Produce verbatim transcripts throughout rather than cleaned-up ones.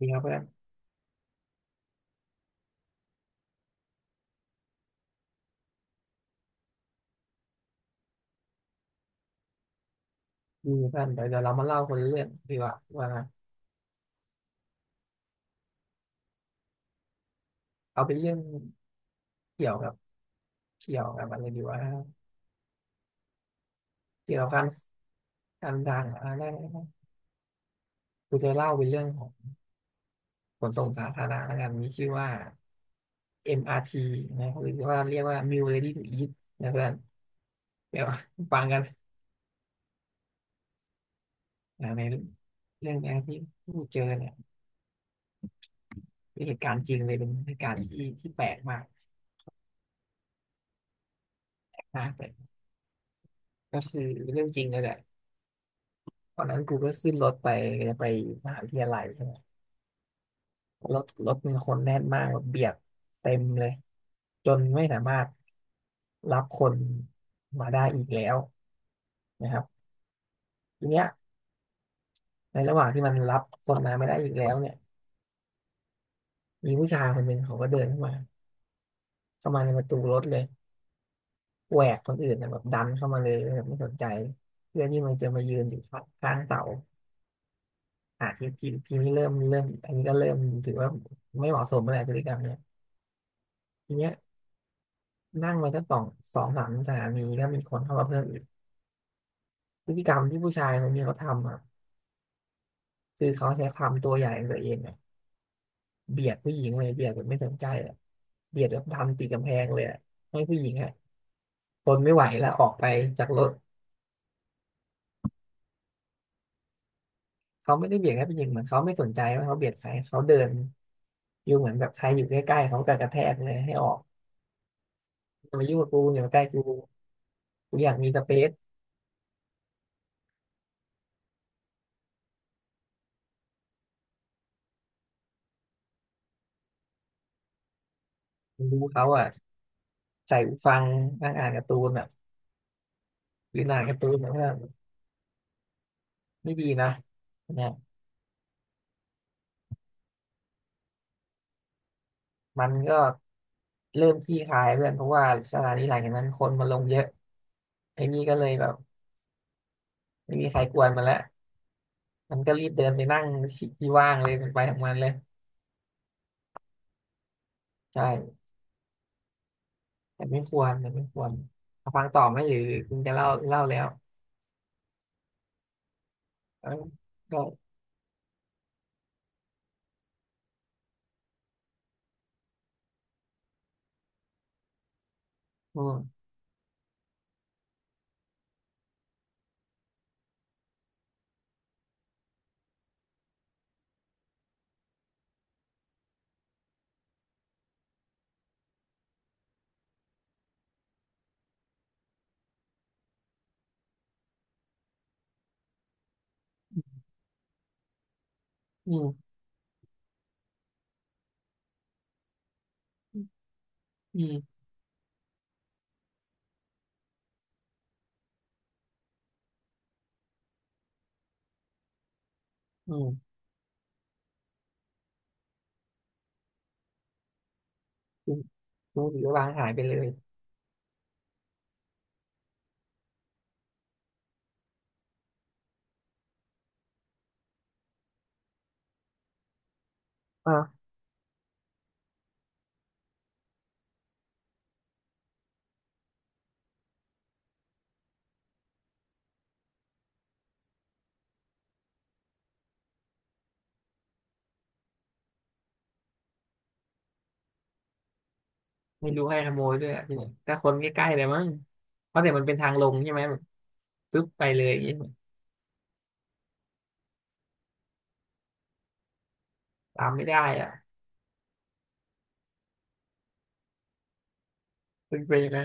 มีครับเพื่อนมีเพื่อนเดี๋ยวเดี๋ยวเรามาเล่าคนละเรื่องดีกว่าว่าเอาเป็นเรื่องเกี่ยวกับเกี่ยวกับอะไรดีว่าเกี่ยวกับการการทางอ่าได้ได้กูจะเล่าเป็นเรื่องของขนส่งสาธารณะแล้วกันมีชื่อว่า เอ็ม อาร์ ที นะหรือว่าเรียกว่า Meal Ready to Eat นะเพื่อนเดี๋ยวฟังกันอ่าในเรื่องแรกที่กูเจอเนี่ยเป็นเหตุการณ์จริงเลยเป็นเหตุการณ์ที่ที่แปลกมากนะแต่ก็คือเรื่องจริงเลยแหละตอนนั้นกูก็ขึ้นรถไปจะไปมหาวิทยาลัยใช่ไหม รถรถมีคนแน่นมากแบบเบียดเต็มเลยจนไม่สามารถรับคนมาได้อีกแล้วนะครับทีเนี้ยในระหว่างที่มันรับคนมาไม่ได้อีกแล้วเนี่ยมีผู้ชายคนหนึ่งเขาก็เดินเข้ามาเข้ามาในประตูรถเลยแหวกคนอื่นนะแบบดันเข้ามาเลยแบบไม่สนใจเพื่อที่มันจะมายืนอยู่ข้างเสาอ่ะทีทีทีนี้เริ่มเริ่มอันนี้ก็เริ่มถือว่าไม่เหมาะสมแล้วแหละพฤติกรรมเนี่ยทีเนี้ยนั่งมาสักสองสองสามสถานีก็มีคนเข้ามาเพิ่มอีก พฤติกรรมที่ผู้ชายคนนี้เขาทำอ่ะคือเขาใช้ความตัวใหญ่ของตัวเองอ่ะเบียดผู้หญิงเลยเบียดแบบไม่สนใจอ่ะเบียดแล้วทำติดกำแพงเลยอะให้ผู้หญิงอ่ะทนไม่ไหวแล้วออกไปจากรถเขาไม่ได้เบียดแค่ผู้หญิงเหมือนเขาไม่สนใจว่าเขาเบียดใครเขาเดินอยู่เหมือนแบบใครอยู่ใกล้ๆเขากระกระแทกเลยให้ออกอย่ามายุ่งกับกูอย่ามาใกล้กูกูอยากมีสเปซดูเขาอ่ะใส่หูฟังนั่งอ่านการ์ตูนแบบหรืออ่านการ์ตูนแบบว่าไม่ดีนะนะ มันก็เริ่มขี้คายเพื่อนเพราะว่าสถานทีหลังจากนั้นคนมาลงเยอะไอ้นี่ก็เลยแบบไม่มีใครกวนมันแล้วมันก็รีบเดินไปนั่งที่ว่างเลยมันไปของมันเลยใช่แต่ไม่ควรแต่ไม่ควรเอาฟังต่อไหมหรือคุณจะเล่าเล่าแล้วเออก็อืมอืมอืมอืมคุณคุณถือว่าวางหายไปเลยอ่าไม่รู้ให้ขโมยด้วยอะที่ไหนแต่คนใกล้ๆเลยมั้งเพราะแต่มันเป็นทางลงใช่ไหมแบบปึ๊บไปเลยอย่างงี้ตามไม่ได้อ่ะเป็นไปนะ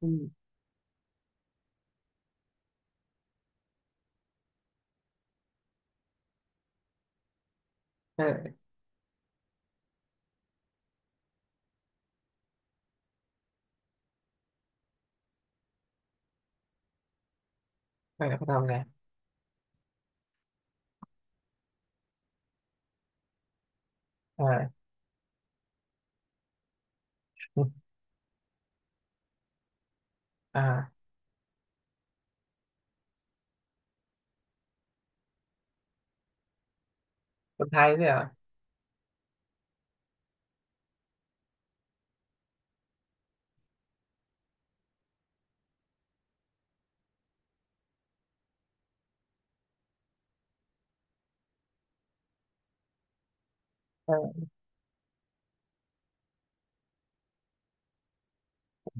อืมเออ เออเขาทำไงอ่าอ่าคนไทยเนี่ยเหรอเออ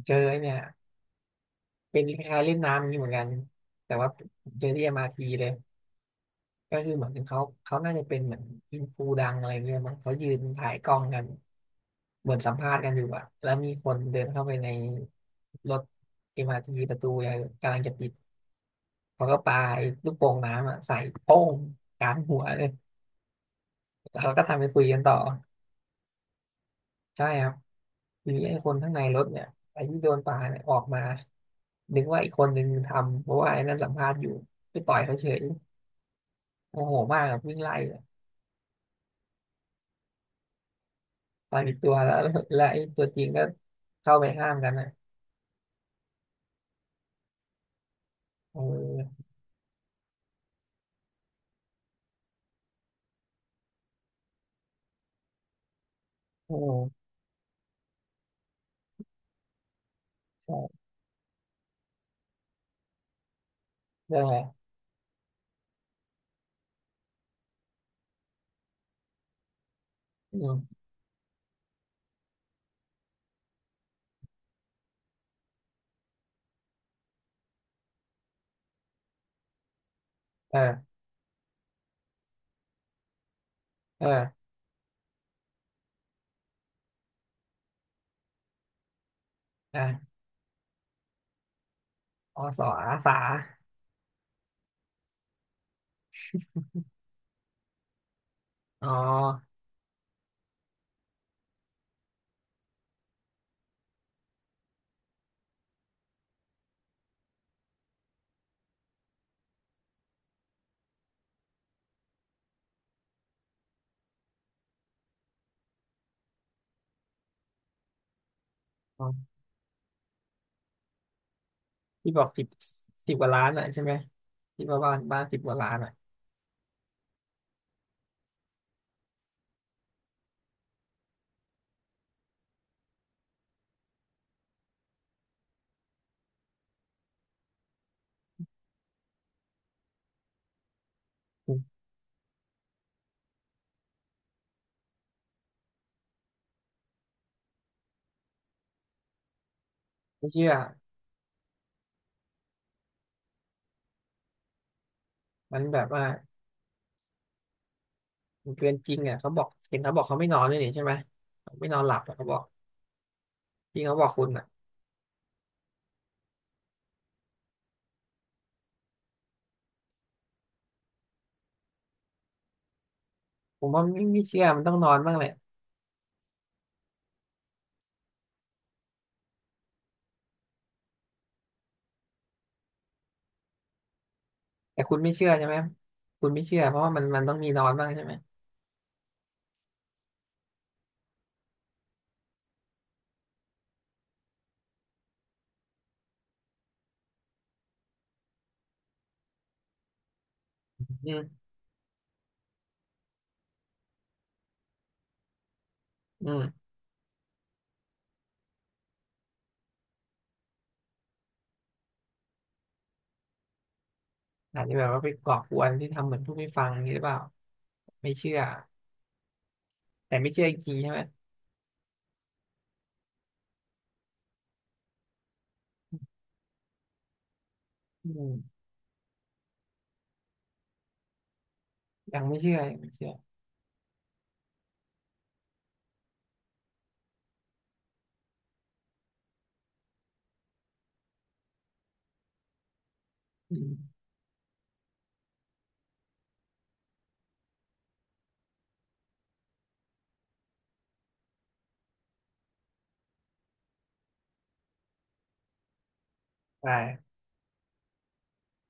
เจอไอ้เนี่ยเป็นคล้ายๆเล่นน้ำอย่างนี้เหมือนกันแต่ว่าเจอที่ เอ็ม อาร์ ที เลยก็คือเหมือนเขาเขาน่าจะเป็นเหมือนอินฟูดังอะไรเงี้ยมั้งเขายืนถ่ายกล้องกันเหมือนสัมภาษณ์กันอยู่อะแล้วมีคนเดินเข้าไปในรถ เอ็ม อาร์ ที ประตูอะไกำลังจะปิดเขาก็ปาไอ้ลูกโป่งน้ำอะใส่โป้งกลางหัวเลยแล้วเขาก็ทำไปคุยกันต่อใช่ครับ หรือไอ้คนข้างในรถเนี่ยไอ้ที่โดนปาเนี่ยออกมานึกว่าอีกคนนึงทำเพราะว่าไอ้นั่นสัมภาษณ์อยู่ไปต่อยเขาเฉยโมโหมากกับวิ่งไล่อะต่อยผิดตัวแล้ว แล้วแล้วไอ้ตัวจริงก็เข้าไปห้ามกันนะเออโอ้ใช่เรื่องอะไรอืมเออเอออ่ะอสออาสาอ๋ออ๋อที่บอกสิบสิบกว่าล้านอ่ะใช่ไหมที่ว่าบ้านบ้านสิบกว่าล้านอ่ะอืมไม่เชื่อมันแบบว่า เกินจริงอ่ะเขาบอกเห็นเขาบอกเขาไม่นอนเลยนี่ใช่ไหมเขาไม่นอนหลับอะเขาบอกที่เขาบอกคุณอ่ะผมว่าไม่ไม่เชื่อมันต้องนอนบ้างแหละแต่คุณไม่เชื่อใช่ไหมคุณไม่เชื่อเพราะว่ามันมันต้องมีนอนบ้างใช่ไหมอืมอืมอาจจะแบบว่าไปก่อกวนที่ทำเหมือนผู้ไม่ฟังอย่างนี้หรือเปล่าไม่เชื่อแต่ไม่เชื่อจริงๆใช่ไหมอืมยังไม่เชื่อยังไม่เชื่ออืมได้